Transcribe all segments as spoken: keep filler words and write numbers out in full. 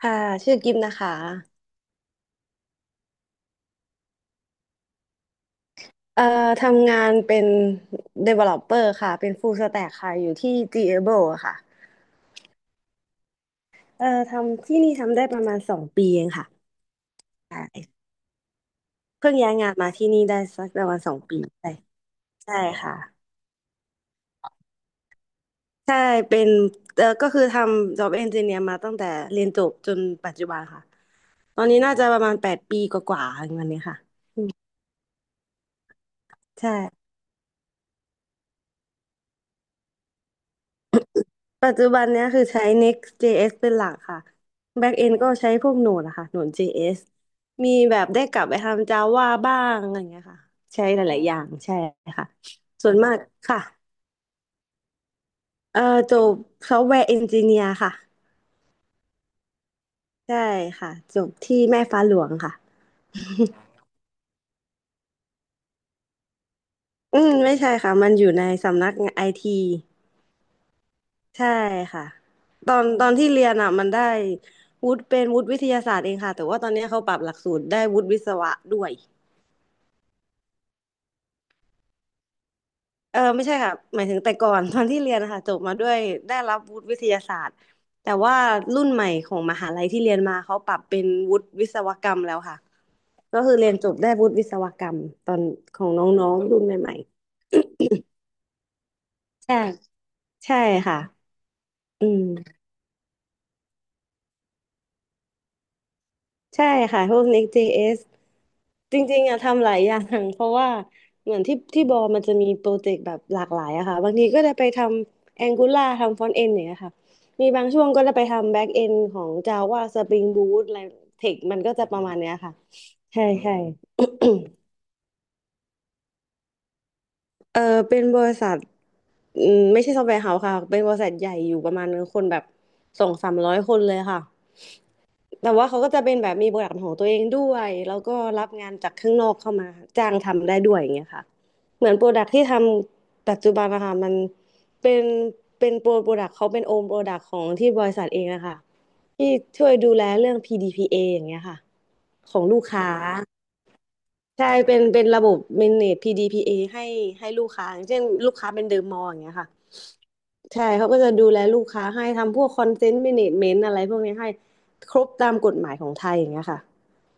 ค่ะชื่อกิมนะคะเอ่อทำงานเป็น developer ค่ะเป็น full stack ค่ะอยู่ที่ Gable อะค่ะเอ่อทำที่นี่ทำได้ประมาณสองปีเองค่ะใช่เพิ่งย้ายงานมาที่นี่ได้สักประมาณสองปีใช่ใช่ค่ะใช่เป็นเอ่อก็คือทำ job engineer มาตั้งแต่เรียนจบจนปัจจุบันค่ะตอนนี้น่าจะประมาณแปดปีกว่าๆอย่างเงี้ยค่ะอืมใช่ ปัจจุบันเนี้ยคือใช้ Next.js เป็นหลักค่ะ Backend ก็ใช้พวก Node อะค่ะ Node.js มีแบบได้กลับไปทำ Java บ้างอะไรอย่างเงี้ยค่ะใช้หลายๆอย่างใช่ค่ะส่วนมากค่ะเอ่อจบ Software Engineer ค่ะใช่ค่ะจบที่แม่ฟ้าหลวงค่ะ อืมไม่ใช่ค่ะมันอยู่ในสำนักงานไอทีใช่ค่ะตอนตอนที่เรียนอ่ะมันได้วุฒิเป็นวุฒิวิทยาศาสตร์เองค่ะแต่ว่าตอนนี้เขาปรับหลักสูตรได้วุฒิวิศวะด้วย เออไม่ใช่ค่ะหมายถึงแต่ก่อน ตอนที่เรียนนะคะจบมาด้วยได้รับวุฒิวิทยาศาสตร์แต่ว่ารุ่นใหม่ของมหาลัยที่เรียนมาเขาปรับเป็นวุฒิวิศวกรรมแล้วค่ะก็คือเรียนจบได้วุฒิวิศวกรรมตอนของน้องๆรุ่นใหม่ๆใช่ใช่ค่ะอืมใช่ค่ะพวก Next.js จริงๆอะทำหลายอย่าง เพราะว่าเหมือนที่ที่บอมันจะมีโปรเจกต์แบบหลากหลายอะค่ะบางทีก็จะไปทำ Angular ทำ Front End อย่างเงี้ยค่ะมีบางช่วงก็จะไปทำ Back End ของ Java Spring Boot อะไรเทคมันก็จะประมาณเนี้ยค่ะใช่ใช่ เออเป็นบริษัทอืมไม่ใช่ซอฟต์แวร์เฮาส์ค่ะเป็นบริษัทใหญ่อยู่ประมาณคนแบบสองสามร้อยคนเลยค่ะ แต่ว่าเขาก็จะเป็นแบบมีโปรดักต์ของตัวเองด้วยแล้วก็รับงานจากข้างนอกเข้ามาจ้างทำได้ด้วยอย่างเงี้ยค่ะเหมือนโปรดักต์ที่ทำปัจจุบันนะคะมันเป็นเป็นโปรโปรดักต์เขาเป็นโอมโปรดักต์ของที่บริษัทเองนะคะที่ช่วยดูแลเรื่อง พี ดี พี เอ ออย่างเงี้ยค่ะของลูกค้าใช่เป็นเป็นระบบ manage พี ดี พี เอ ให้ให้ลูกค้าอย่างเช่นลูกค้าเป็นเดอะมอลล์อย่างเงี้ยค่ะ ใช่ เขาก็จะดูแลลูกค้าให้ทำพวกคอนเทนต์ a เมนต์อะไรพวกนี้ให้ครบตามกฎหมายของไทยอย่างเงี้ยค่ะ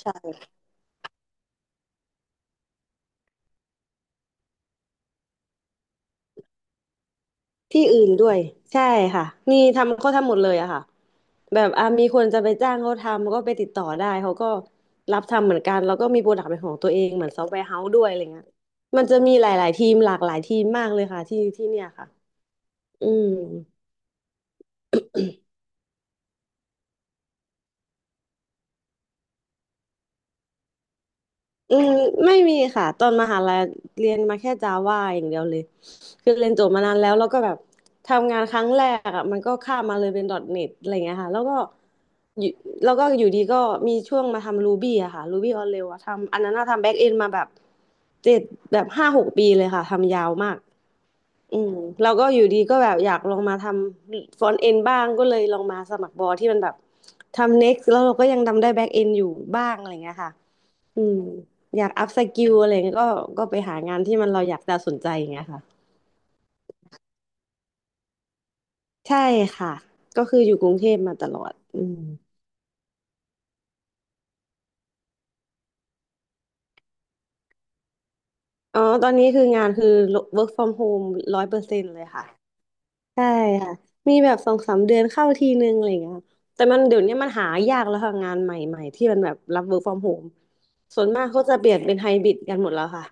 ใช่ที่อื่นด้วยใช่ค่ะ นี่ทำเขาทำหมดเลยอะค่ะแบบอ่ะมีคนจะไปจ้างเขาทำก็ไปติดต่อได้เขาก็รับทำเหมือนกันแล้วก็มีโปรดักต์เป็นของตัวเองเหมือนซอฟต์แวร์เฮาส์ด้วยอะไรเงี้ยมันจะมีหลายๆทีมหลากหลายทีมมากเลยค่ะที่ที่เนี่ยค่ะอืม อืมไม่มีค่ะตอนมหาลัยเรียนมาแค่จาว่าอย่างเดียวเลยคือเรียนจบมานานแล้วแล้วก็แบบทำงานครั้งแรกอ่ะมันก็ข้ามมาเลยเป็น .เน็ต อทเน็ตอะไรเงี้ยค่ะแล้วก็อยู่แล้วก็อยู่ดีก็มีช่วงมาทำ Ruby อะค่ะ Ruby on Rails อะทำอันนั้นอะทำแบ็กเอนมาแบบเจ็ดแบบห้าหกปีเลยค่ะทำยาวมากอืมแล้วก็อยู่ดีก็แบบอยากลองมาทำฟรอนต์เอนบ้างก็เลยลองมาสมัครบอที่มันแบบทำ Next แล้วเราก็ยังทำได้แบ็กเอนอยู่บ้างอะไรเงี้ยค่ะ อืมอยากอัพสกิลอะไรเงี้ยก็ก็ไปหางานที่มันเราอยากจะสนใจอย่างเงี้ยค่ะใช่ค่ะก็คืออยู่กรุงเทพมาตลอดอืมอ๋อตอนนี้คืองานคือ work from home ร้อยเปอร์เซ็นต์เลยค่ะใช่ค่ะมีแบบสองสามเดือนเข้าทีนึงอะไรอย่างเงี้ยค่ะแต่มันเดี๋ยวนี้มันหายากแล้วค่ะงานใหม่ๆที่มันแบบรับ work from home ส่วนมากเขาจะเปลี่ยนเป็นไฮบริดกันหมดแล้วค่ะ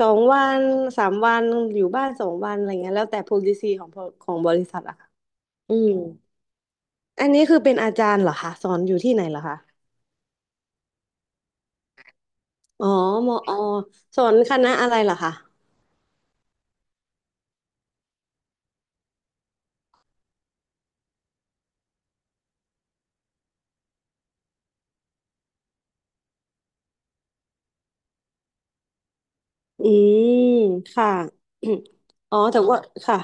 สองวันสามวันอยู่บ้านสองวันอะไรเงี้ยแล้วแต่ policy ของของบริษัทอะค่ะอืม อันนี้คือเป็นอาจารย์เหรอคะสอนอยู่ที่ไหนเหรอคะอ๋อมอสอนคณะอะไรเหรอคะอืมค่ะ อ๋อแต่ว่าค่ะ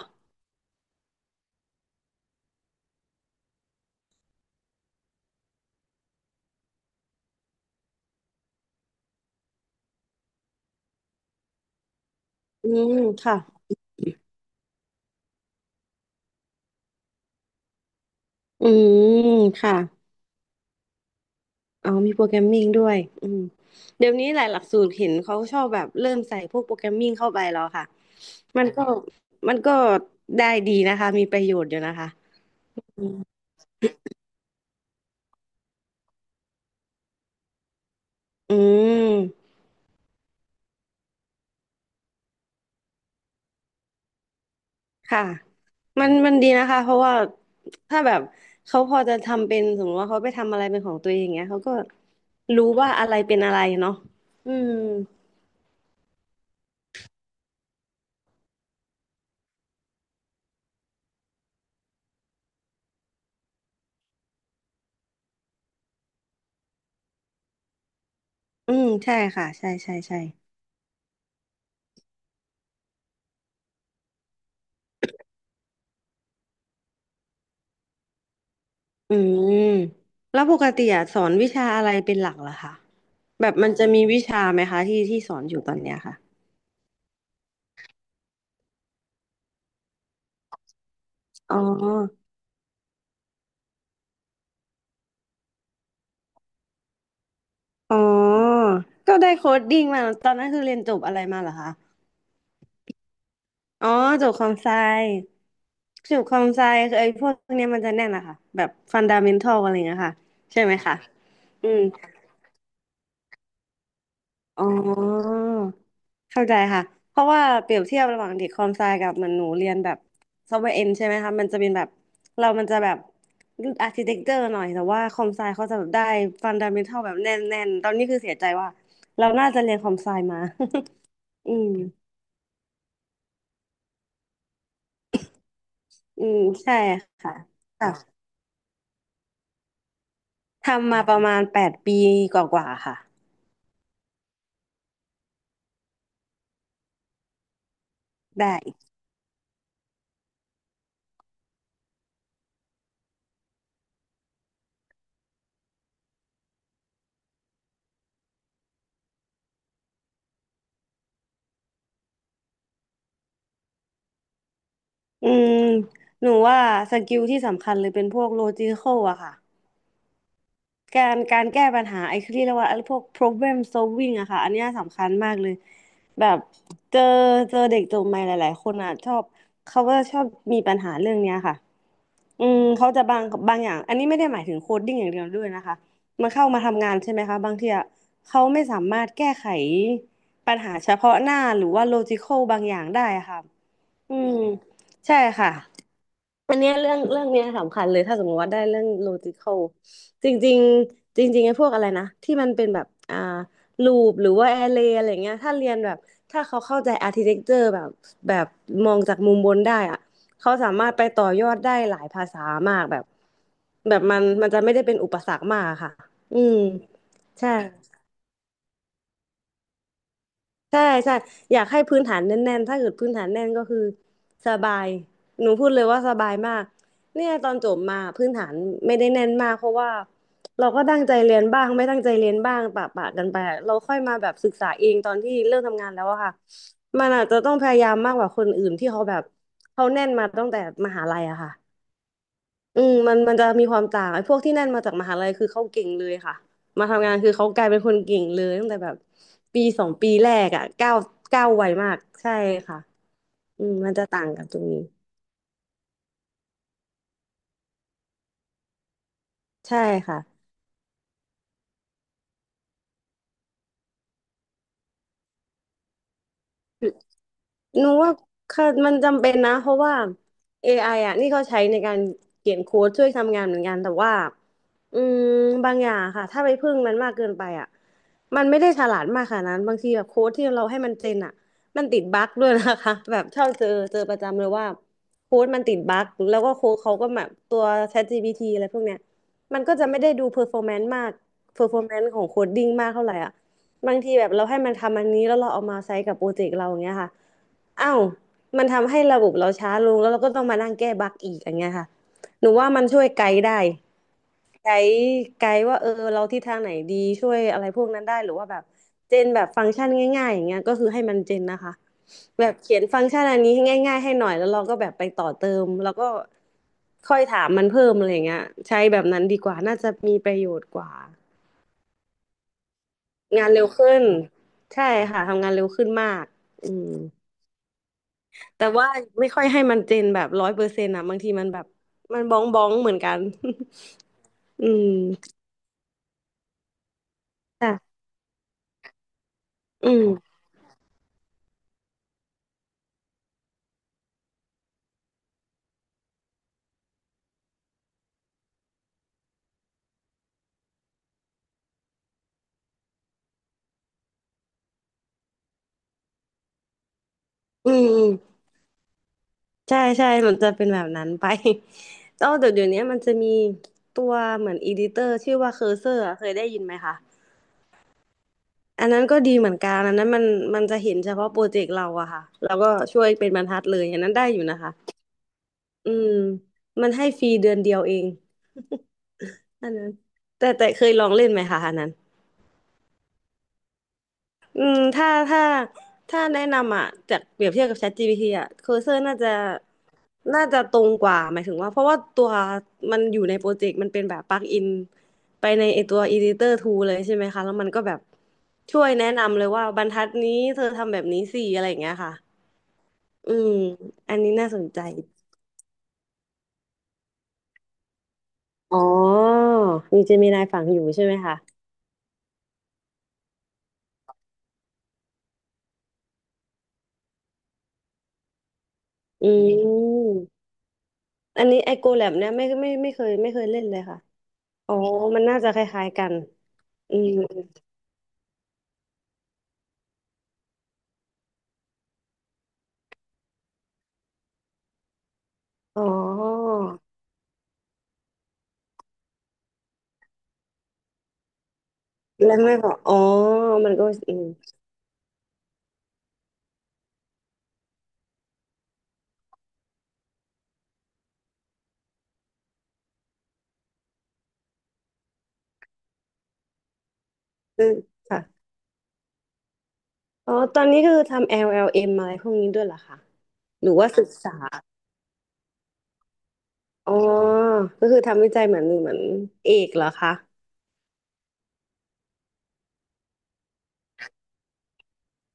อืมค่ะอืมค่ะอ๋อมีโปรแกรมมิ่งด้วยอืมเดี๋ยวนี้หลายหลักสูตรเห็นเขาชอบแบบเริ่มใส่พวกโปรแกรมมิ่งเข้าไปแล้วค่ะมันก็มันก็ได้ดีนะคะมีประโยชน์อยู่นะคะอืมอืม ค่ะมันมันดีนะคะเพราะว่าถ้าแบบเขาพอจะทำเป็นสมมติว่าเขาไปทำอะไรเป็นของตัวเองอย่างเงี้ยเขาก็รู้ว่าอะไรเป็นอะไรเนาะอืมอืมใช่ค่ะใช่ใช่ใช่อืมแล้วปกติอะสอนวิชาอะไรเป็นหลักเหรอคะแบบมันจะมีวิชาไหมคะที่ที่สอนอยู่ตอนเนี้ยค่ะอ๋ออ๋อก็ได้โค้ดดิ้งมาตอนนั้นคือเรียนจบอะไรมาเหรอคะ อ๋อจูบคอมไซจูบคอมไซคือไอ้พวกเนี้ยมันจะแน่นอะค่ะแบบฟันดาเมนทัลอะไรเงี้ยค่ะใช่ไหมคะอืมอ๋อเข้าใจค่ะเพราะว่าเปรียบเทียบระหว่างเด็กคอมไซกับเหมือนหนูเรียนแบบซอฟต์แวร์เอนใช่ไหมคะมันจะเป็นแบบเรามันจะแบบอาร์ติเทคเจอร์หน่อยแต่ว่าคอมไซเขาจะแบบได้ฟันดาเมนทัลแบบแน่นแน่นตอนนี้คือเสียใจว่าเราน่าจะเรียนคอมไซมา อืมอืมใช่ค่ะค่ะ ทำมาประมาณแปดปีกว่าๆค่ะได้อืมหนูว่าสกิลที่สำคัญเลยเป็นพวกโลจิค a l อะค่ะการการแก้ปัญหาไอ้ที่เรียกว่าไอ้พวก พรอบเบลม โซลวิ่ง อะค่ะอันเนี้ยสำคัญมากเลยแบบเจอเจอเด็กจบใหม่หลายๆคนอะชอบเขาก็ชอบมีปัญหาเรื่องเนี้ยค่ะอืมเขาจะบางบางอย่างอันนี้ไม่ได้หมายถึงโคดดิ้งอย่างเดียวด้วยนะคะมันเข้ามาทำงานใช่ไหมคะบางทีอะเขาไม่สามารถแก้ไขปัญหาเฉพาะหน้าหรือว่าโลจิค a l บางอย่างได้อะค่ะ อืมใช่ค่ะอันเนี้ยเรื่องเรื่องเนี้ยสำคัญเลยถ้าสมมติว่าได้เรื่อง ลอจิคอล จริงๆจริงๆไอ้พวกอะไรนะที่มันเป็นแบบอ่า ลูป หรือว่า อาเรย์ อะไรเงี้ยถ้าเรียนแบบถ้าเขาเข้าใจ อาร์คิเทคเจอร์ แบบแบบมองจากมุมบนได้อะเขาสามารถไปต่อยอดได้หลายภาษามากแบบแบบมันมันจะไม่ได้เป็นอุปสรรคมากค่ะอืมใช่ ใช่ใช่อยากให้พื้นฐานแน่นๆถ้าเกิดพื้นฐานแน่นก็คือสบายหนูพูดเลยว่าสบายมากเนี่ยตอนจบมาพื้นฐานไม่ได้แน่นมากเพราะว่าเราก็ตั้งใจเรียนบ้างไม่ตั้งใจเรียนบ้างปะปะกันไปอะเราค่อยมาแบบศึกษาเองตอนที่เริ่มทำงานแล้วอะค่ะมันอาจจะต้องพยายามมากกว่าคนอื่นที่เขาแบบเขาแน่นมาตั้งแต่มหาลัยอะค่ะ อืมมันมันจะมีความต่างไอ้พวกที่นั่นมาจากมหาลัยคือเขาเก่งเลยค่ะมาทำงานคือเขากลายเป็นคนเก่งเลยตั้งแต่แบบปีสองปีแรกอ่ะก้าวก้าวไวมากใช่ค่ะอืมมันจะต่างกันตรงนี้ใช่ค่ะ หนูว่าค่ะมันจำเป็นนะเพราะว่า เอ ไอ อไออ่ะนี่เขาใช้ในการเขียนโค้ดช่วยทำงานเหมือนกันแต่ว่าอืมบางอย่างค่ะถ้าไปพึ่งมันมากเกินไปอ่ะมันไม่ได้ฉลาดมากขนาดนั้นบางทีแบบโค้ดที่เราให้มันเจนอ่ะมันติดบั๊กด้วยนะคะ แบบเชอบเจอเจอประจำเลยว่าโค้ดมันติดบั๊กแล้วก็โค้ดเขาก็แบบตัว แชทจีพีที อะไรพวกเนี้ยมันก็จะไม่ได้ดู performance มาก เพอร์ฟอร์แมนซ์ ของโคดดิ้งมากเท่าไหร่อ่ะ บางทีแบบเราให้มันทำอันนี้แล้วเราเอามาใช้กับโปรเจกต์เราอย่างเงี้ยค่ะอ้าวมันทำให้ระบบเราช้าลงแล้วเราก็ต้องมานั่งแก้บั๊กอีกอย่างเงี้ยค่ะหนูว่ามันช่วยไกด์ได้ไกด์ไกด์ว่าเออเราทิศทางไหนดีช่วยอะไรพวกนั้นได้หรือว่าแบบเจนแบบฟังก์ชันง่ายๆอย่างเงี้ยก็คือให้มันเจนนะคะแบบเขียนฟังก์ชันอันนี้ให้ง่ายๆให้หน่อยแล้วเราก็แบบไปต่อเติมแล้วก็ค่อยถามมันเพิ่มอะไรอย่างเงี้ยใช้แบบนั้นดีกว่าน่าจะมีประโยชน์กว่า งานเร็วขึ้นใช่ค่ะทำงานเร็วขึ้นมากอืมแต่ว่าไม่ค่อยให้มันเจนแบบร้อยเปอร์เซ็นต์อ่ะบางทีมันแบบมันบ้องบ้องเหมือนกัน อืมค่ะอืมอืมอืมใช่ใช่มันจะเป็นแบบนั้นไป แล้วเดี๋ยวเดี๋ยวนี้มันจะมีตัวเหมือนอีดิเตอร์ชื่อว่าเคอร์เซอร์เคยได้ยินไหมคะอันนั้นก็ดีเหมือนกันอันนั้นมันมันจะเห็นเฉพาะโปรเจกต์เราอะค่ะแล้วก็ช่วยเป็นบรรทัดเลยอันนั้นได้อยู่นะคะอืมมันให้ฟรีเดือนเดียวเอง อันนั้นแต่แต่เคยลองเล่นไหมคะอันนั้นอืมถ้าถ้าถ้าแนะนำอ่ะจากเปรียบเทียบกับ ChatGPT อ่ะ Cursor น่าจะน่าจะตรงกว่าหมายถึงว่าเพราะว่าตัวมันอยู่ในโปรเจกต์มันเป็นแบบปลั๊กอินไปในไอตัว Editor Tool เลยใช่ไหมคะแล้วมันก็แบบช่วยแนะนำเลยว่าบรรทัดนี้เธอทำแบบนี้สิอะไรอย่างเงี้ยค่ะอืมอันนี้น่าสนใจอ๋อมีเจมินายฝังอยู่ใช่ไหมคะอืมอันนี้ไอโกแลบเนี่ยไม่ไม่ไม่เคยไม่เคยเล่นเลยค่ะ อ๋อมันน่าจะคล้ายๆกันอืมอ๋อแล้วไม่บอกอ๋อมันก็อืมซึ่งค่ะอ๋อตอนนี้คือทำ แอล แอล เอ็ม อลแอลเอ็มอะไรพวกนี้ด้วยเหรอคะหรือว่าศึกษาอ๋อก็คือทำวิจัยเหมือนเหมือนเอกเหรอคะ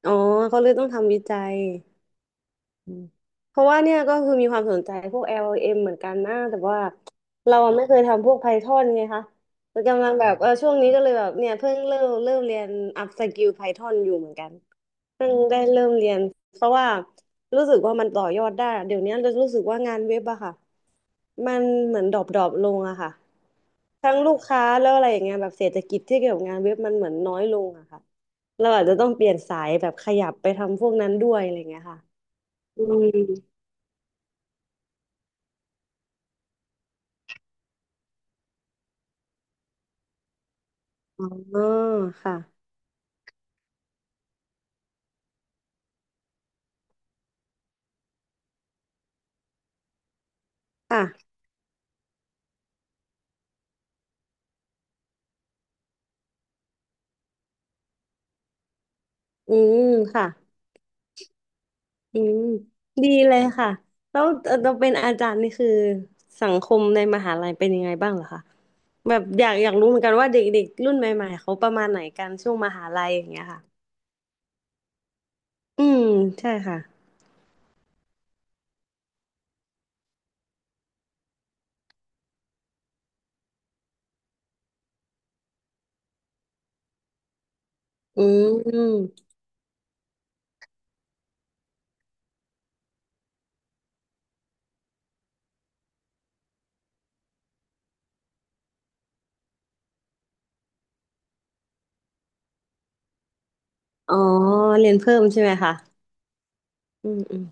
อ๋อเขาเลยต้องทำวิจัยอืมเพราะว่าเนี่ยก็คือมีความสนใจพวก แอล แอล เอ็ม เอ็มเหมือนกันนะแต่ว่าเราอะไม่เคยทำพวก Python ไงคะแต่กำลังแบบเออช่วงนี้ก็เลยแบบเนี่ยเพิ่งเริ่มเริ่มเรียนอัพสก l ลไพทอนอยู่เหมือนกัน เพิ่งได้เริ่มเรียนเพราะว่ารู้สึกว่ามันต่อยอดได้เดี๋ยวนี้รู้สึกว่างานเว็บอะค่ะมันเหมือนดรอปดรอปลงอะค่ะทั้งลูกค้าแล้วอะไรอย่างเงี้ยแบบเศรษฐกิจที่เกี่ยวกับงานเว็บมันเหมือนน้อยลงอะค่ะเราอาจจะต้องเปลี่ยนสายแบบขยับไปทำพวกนั้นด้วยอะไรอย่างเงี้ยค่ะอืมอ๋อค่ะค่ะอืมค่ะอืมดีเลยค่ะแล้วเราเป็นอาจารย์นี่คือสังคมในมหาลัยเป็นยังไงบ้างเหรอคะ แบบอยากอยากรู้เหมือนกันว่าเด็กๆรุ่นใหม่ๆเขาประมาณไหนกันช่วงมหาลัยอย่างเงี้ยค่ะอืมใช่ค่ะอืมอ๋อเรียนเพิ่มใช่ไหมคะอืมอืม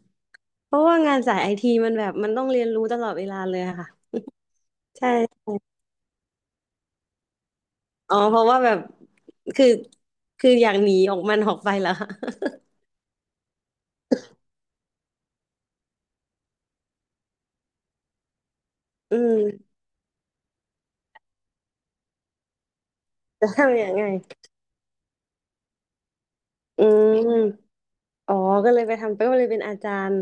เพราะว่างานสายไอทีมันแบบมันต้องเรียนรู้ตลอดเวลาเลยอะค่ะใช่อ๋อเพราะว่าแบบคือคืออยากหนีออกมันออกไปแล้ว อืมจะทำยังไงอืมอ๋อก็เลยไปทำไปก็เลยเป็นอาจารย์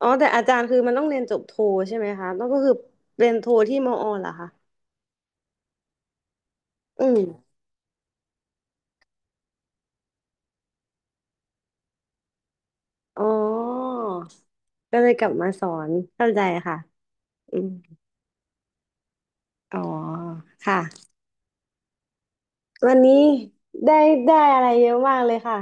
อ๋อแต่อาจารย์คือมันต้องเรียนจบโทใช่ไหมคะแล้วก็คือเรียนโทที่มอเหรอคะอืม อ๋อก็เลยกลับมาสอนเข้าใจค่ะอืมอ๋อ ค่ะ วันนี้ได้ได้อะไรเยอะมากเลยค่ะ